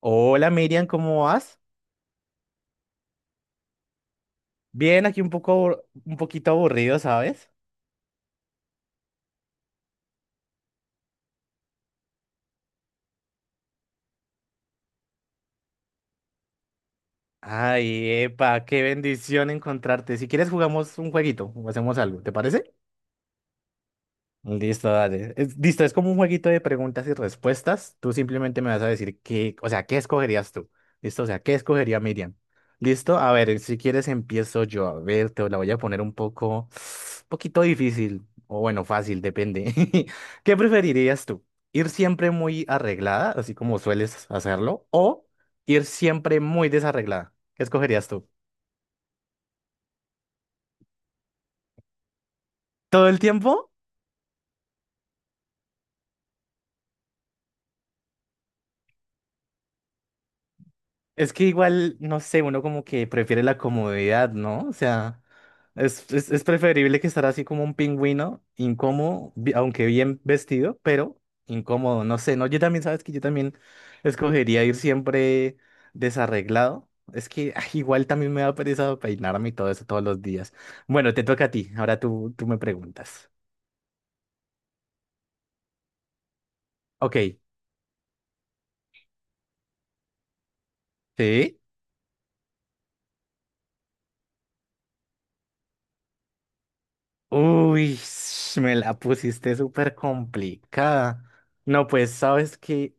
Hola Miriam, ¿cómo vas? Bien, aquí un poco, un poquito aburrido, ¿sabes? Ay, epa, qué bendición encontrarte. Si quieres jugamos un jueguito o hacemos algo, ¿te parece? Listo, dale. Listo, es como un jueguito de preguntas y respuestas. Tú simplemente me vas a decir qué, o sea, ¿qué escogerías tú? Listo, o sea, ¿qué escogería Miriam? Listo, a ver, si quieres empiezo yo. A ver, te la voy a poner un poco, poquito difícil, o bueno, fácil, depende. ¿Qué preferirías tú? ¿Ir siempre muy arreglada, así como sueles hacerlo, o ir siempre muy desarreglada? ¿Qué escogerías tú? ¿Todo el tiempo? Es que igual, no sé, uno como que prefiere la comodidad, ¿no? O sea, es preferible que estar así como un pingüino, incómodo, aunque bien vestido, pero incómodo, no sé, ¿no? Yo también, sabes que yo también escogería ir siempre desarreglado. Es que ay, igual también me da pereza peinarme y todo eso todos los días. Bueno, te toca a ti, ahora tú me preguntas. Ok, ¿sí? Uy, me la pusiste súper complicada. No, pues sabes que.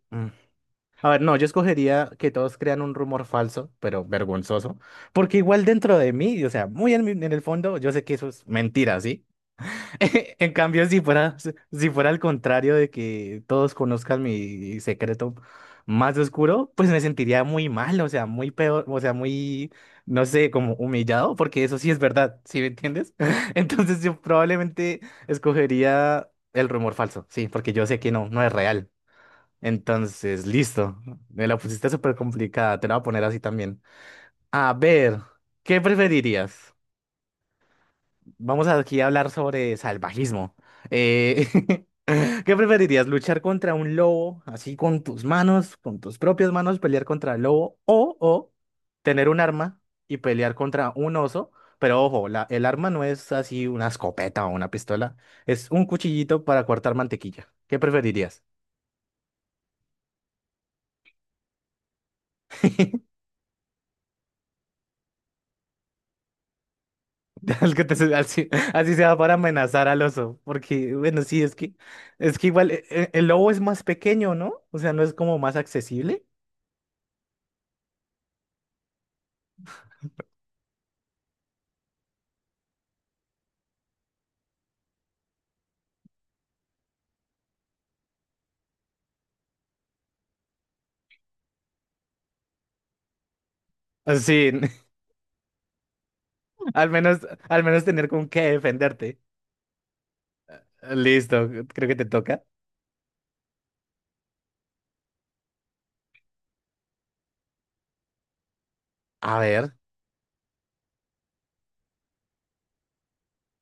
A ver, no, yo escogería que todos crean un rumor falso, pero vergonzoso, porque igual dentro de mí, o sea, muy en el fondo, yo sé que eso es mentira, ¿sí? En cambio, si fuera al contrario de que todos conozcan mi secreto más oscuro, pues me sentiría muy mal, o sea, muy peor, o sea, muy, no sé, como humillado, porque eso sí es verdad, ¿sí me entiendes? Entonces yo probablemente escogería el rumor falso, sí, porque yo sé que no, no es real. Entonces, listo. Me la pusiste súper complicada. Te la voy a poner así también. A ver, ¿qué preferirías? Vamos aquí a hablar sobre salvajismo. Eh, ¿qué preferirías? ¿Luchar contra un lobo así con tus manos, con tus propias manos, pelear contra el lobo? O tener un arma y pelear contra un oso. Pero ojo, el arma no es así una escopeta o una pistola. Es un cuchillito para cortar mantequilla. ¿Qué preferirías? El que te, se- Así sea para amenazar al oso, porque bueno, sí, es que igual el lobo es más pequeño, ¿no? O sea, no es como más accesible. Ah, sí, al menos al menos tener con qué defenderte. Ah, listo, creo que te toca. A ver.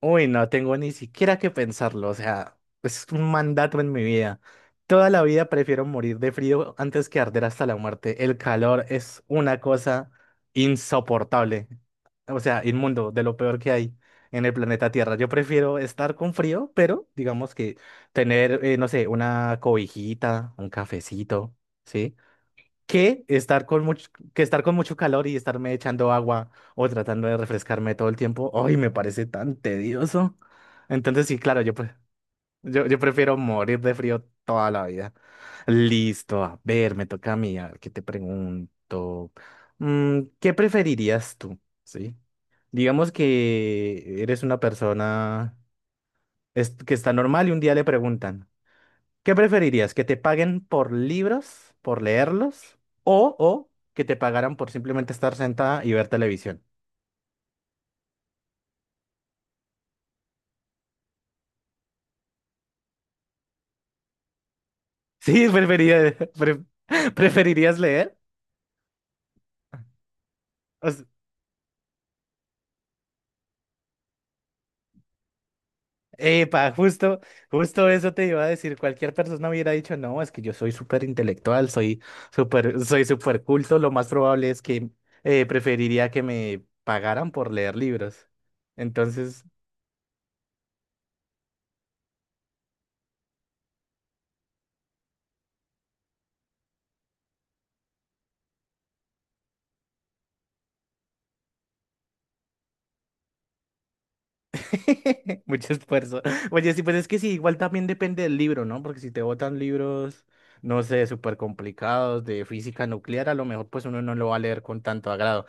Uy, no tengo ni siquiera que pensarlo, o sea, es un mandato en mi vida. Toda la vida prefiero morir de frío antes que arder hasta la muerte. El calor es una cosa insoportable, o sea, inmundo, de lo peor que hay en el planeta Tierra. Yo prefiero estar con frío, pero digamos que tener, no sé, una cobijita, un cafecito, ¿sí? que estar con mucho calor y estarme echando agua o tratando de refrescarme todo el tiempo. Ay, me parece tan tedioso. Entonces, sí, claro, yo prefiero morir de frío toda la vida. Listo, a ver, me toca a mí, a ver, ¿qué te pregunto? Mm, ¿qué preferirías tú? ¿Sí? Digamos que eres una persona que está normal y un día le preguntan. ¿Qué preferirías? ¿Que te paguen por libros, por leerlos, o que te pagaran por simplemente estar sentada y ver televisión? Sí, preferirías leer. O sea, epa, justo eso te iba a decir. Cualquier persona hubiera dicho, no, es que yo soy súper intelectual, soy súper culto. Lo más probable es que preferiría que me pagaran por leer libros. Entonces, mucho esfuerzo. Oye, sí, pues es que sí, igual también depende del libro, ¿no? Porque si te botan libros, no sé, súper complicados de física nuclear, a lo mejor pues uno no lo va a leer con tanto agrado.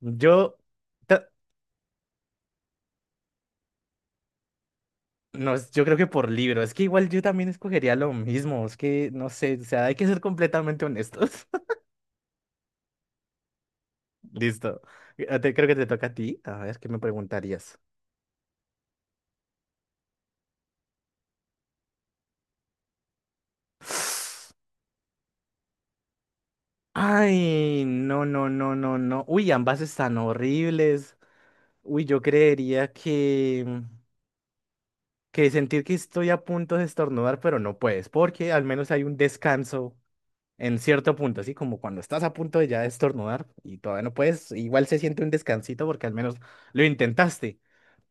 Yo, ta- no, yo creo que por libro, es que igual yo también escogería lo mismo, es que no sé, o sea, hay que ser completamente honestos. Listo. Creo que te toca a ti. A ver, ¿qué me preguntarías? Ay, no, no, no, no, no. Uy, ambas están horribles. Uy, yo creería que sentir que estoy a punto de estornudar, pero no puedes, porque al menos hay un descanso en cierto punto, así como cuando estás a punto de ya estornudar y todavía no puedes, igual se siente un descansito porque al menos lo intentaste,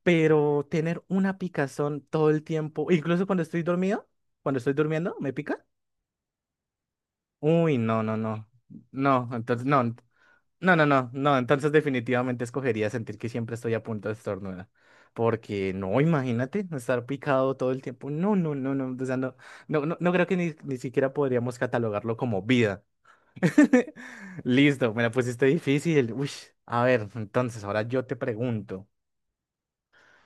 pero tener una picazón todo el tiempo, incluso cuando estoy dormido, cuando estoy durmiendo, ¿me pica? Uy, no, no, no, no, entonces no. No, no, no, no, entonces definitivamente escogería sentir que siempre estoy a punto de estornudar. Porque no, imagínate, no estar picado todo el tiempo. No, no, no, no, o sea, no, no, no, no creo que ni siquiera podríamos catalogarlo como vida. Listo, me la pusiste difícil. Uy, a ver, entonces ahora yo te pregunto,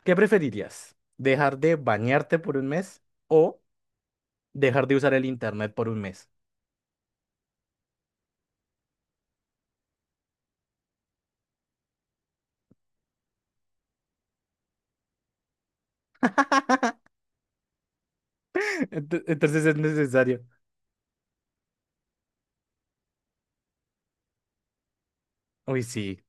¿qué preferirías? ¿Dejar de bañarte por un mes o dejar de usar el internet por un mes? Entonces es necesario. Uy, sí.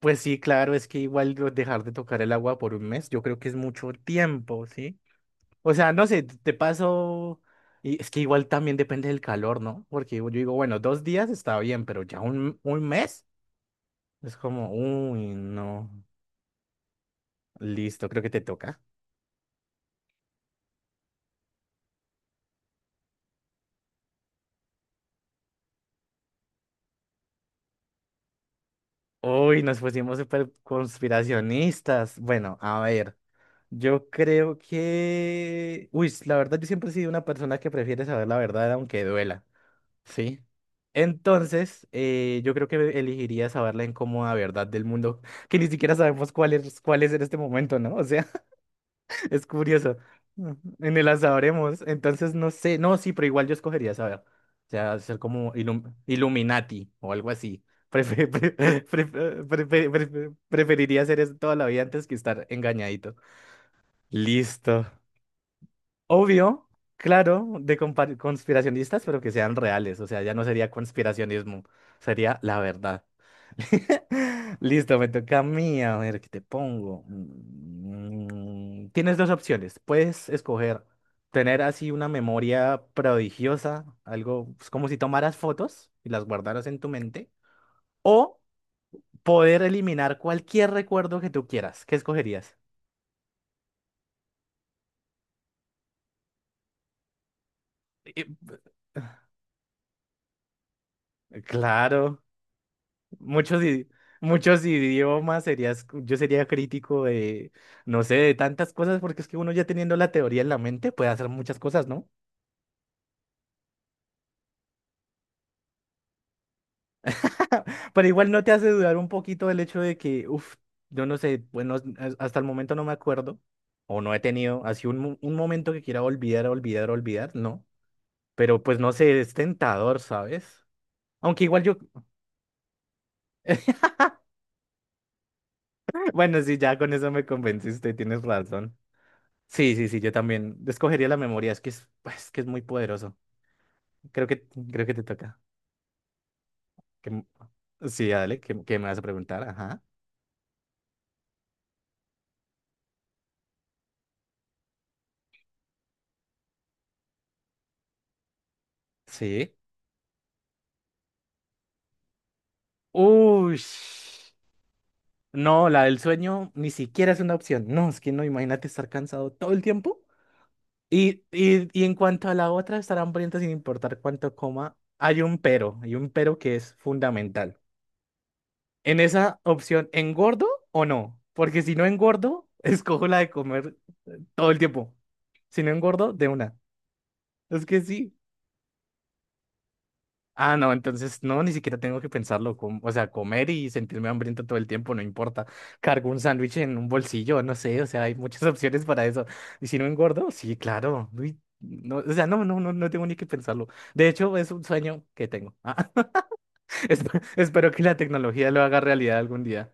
Pues sí, claro, es que igual dejar de tocar el agua por un mes, yo creo que es mucho tiempo, ¿sí? O sea, no sé, te paso, y es que igual también depende del calor, ¿no? Porque yo digo, bueno, dos días está bien, pero ya un mes es como, uy, no, listo, creo que te toca. Uy, nos pusimos súper conspiracionistas. Bueno, a ver, yo creo que, uy, la verdad, yo siempre he sido una persona que prefiere saber la verdad aunque duela. Sí. Entonces, yo creo que elegiría saber la incómoda verdad del mundo, que ni siquiera sabemos cuál es en este momento, ¿no? O sea, es curioso. En el la sabremos. Entonces, no sé. No, sí, pero igual yo escogería saber. O sea, ser como Illuminati o algo así. Prefe- pre- pre- pre- pre- preferiría hacer eso toda la vida antes que estar engañadito. Listo. Obvio, claro, de conspiracionistas, pero que sean reales. O sea, ya no sería conspiracionismo, sería la verdad. Listo, me toca a mí. A ver, ¿qué te pongo? Mm, tienes dos opciones. Puedes escoger tener así una memoria prodigiosa, algo pues, como si tomaras fotos y las guardaras en tu mente, o poder eliminar cualquier recuerdo que tú quieras. ¿Qué escogerías? Eh, Claro. Muchos, i- muchos idiomas serías, yo sería crítico de, no sé, de tantas cosas, porque es que uno ya teniendo la teoría en la mente puede hacer muchas cosas, ¿no? Pero igual no te hace dudar un poquito del hecho de que, uff, yo no sé, bueno, hasta el momento no me acuerdo, o no he tenido así un momento que quiera olvidar, olvidar, olvidar, no. Pero pues no sé, es tentador, ¿sabes? Aunque igual yo, bueno, sí, ya con eso me convenciste, tienes razón. Sí, sí, sí, yo también escogería la memoria, es que es muy poderoso. Creo que te toca. Que m- sí, dale, ¿Qué que me vas a preguntar, ajá. Sí. Uy, no, la del sueño ni siquiera es una opción. No, es que no, imagínate estar cansado todo el tiempo. Y en cuanto a la otra, estar hambriento sin importar cuánto coma, hay un pero que es fundamental. En esa opción, ¿engordo o no? Porque si no engordo, escojo la de comer todo el tiempo. Si no engordo, de una. Es que sí. Ah, no, entonces no, ni siquiera tengo que pensarlo. O sea, comer y sentirme hambriento todo el tiempo, no importa. Cargo un sándwich en un bolsillo, no sé, o sea, hay muchas opciones para eso. Y si no engordo, sí, claro. Uy, no, o sea, no, no, no, no tengo ni que pensarlo. De hecho, es un sueño que tengo. Ah, espero que la tecnología lo haga realidad algún día.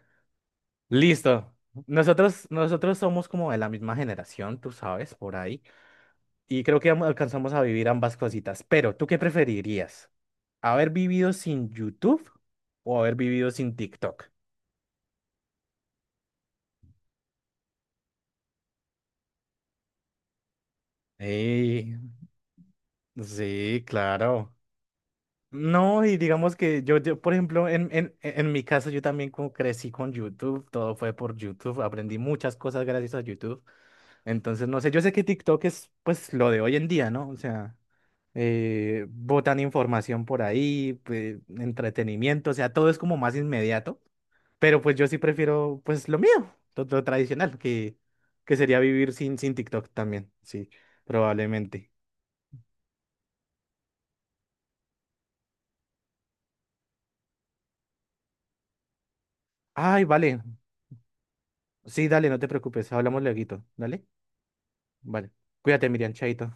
Listo. Nosotros somos como de la misma generación, tú sabes, por ahí. Y creo que alcanzamos a vivir ambas cositas. Pero, ¿tú qué preferirías? ¿Haber vivido sin YouTube o haber vivido sin TikTok? Sí, sí, claro. No, y digamos que yo, por ejemplo, en mi caso, yo también como crecí con YouTube, todo fue por YouTube, aprendí muchas cosas gracias a YouTube. Entonces, no sé, yo sé que TikTok es pues lo de hoy en día, ¿no? O sea, botan información por ahí, entretenimiento, o sea, todo es como más inmediato. Pero pues yo sí prefiero pues lo mío, lo tradicional, que sería vivir sin TikTok también, sí, probablemente. Ay, vale. Sí, dale, no te preocupes, hablamos lueguito, ¿dale? Vale. Cuídate, Miriam, chaito.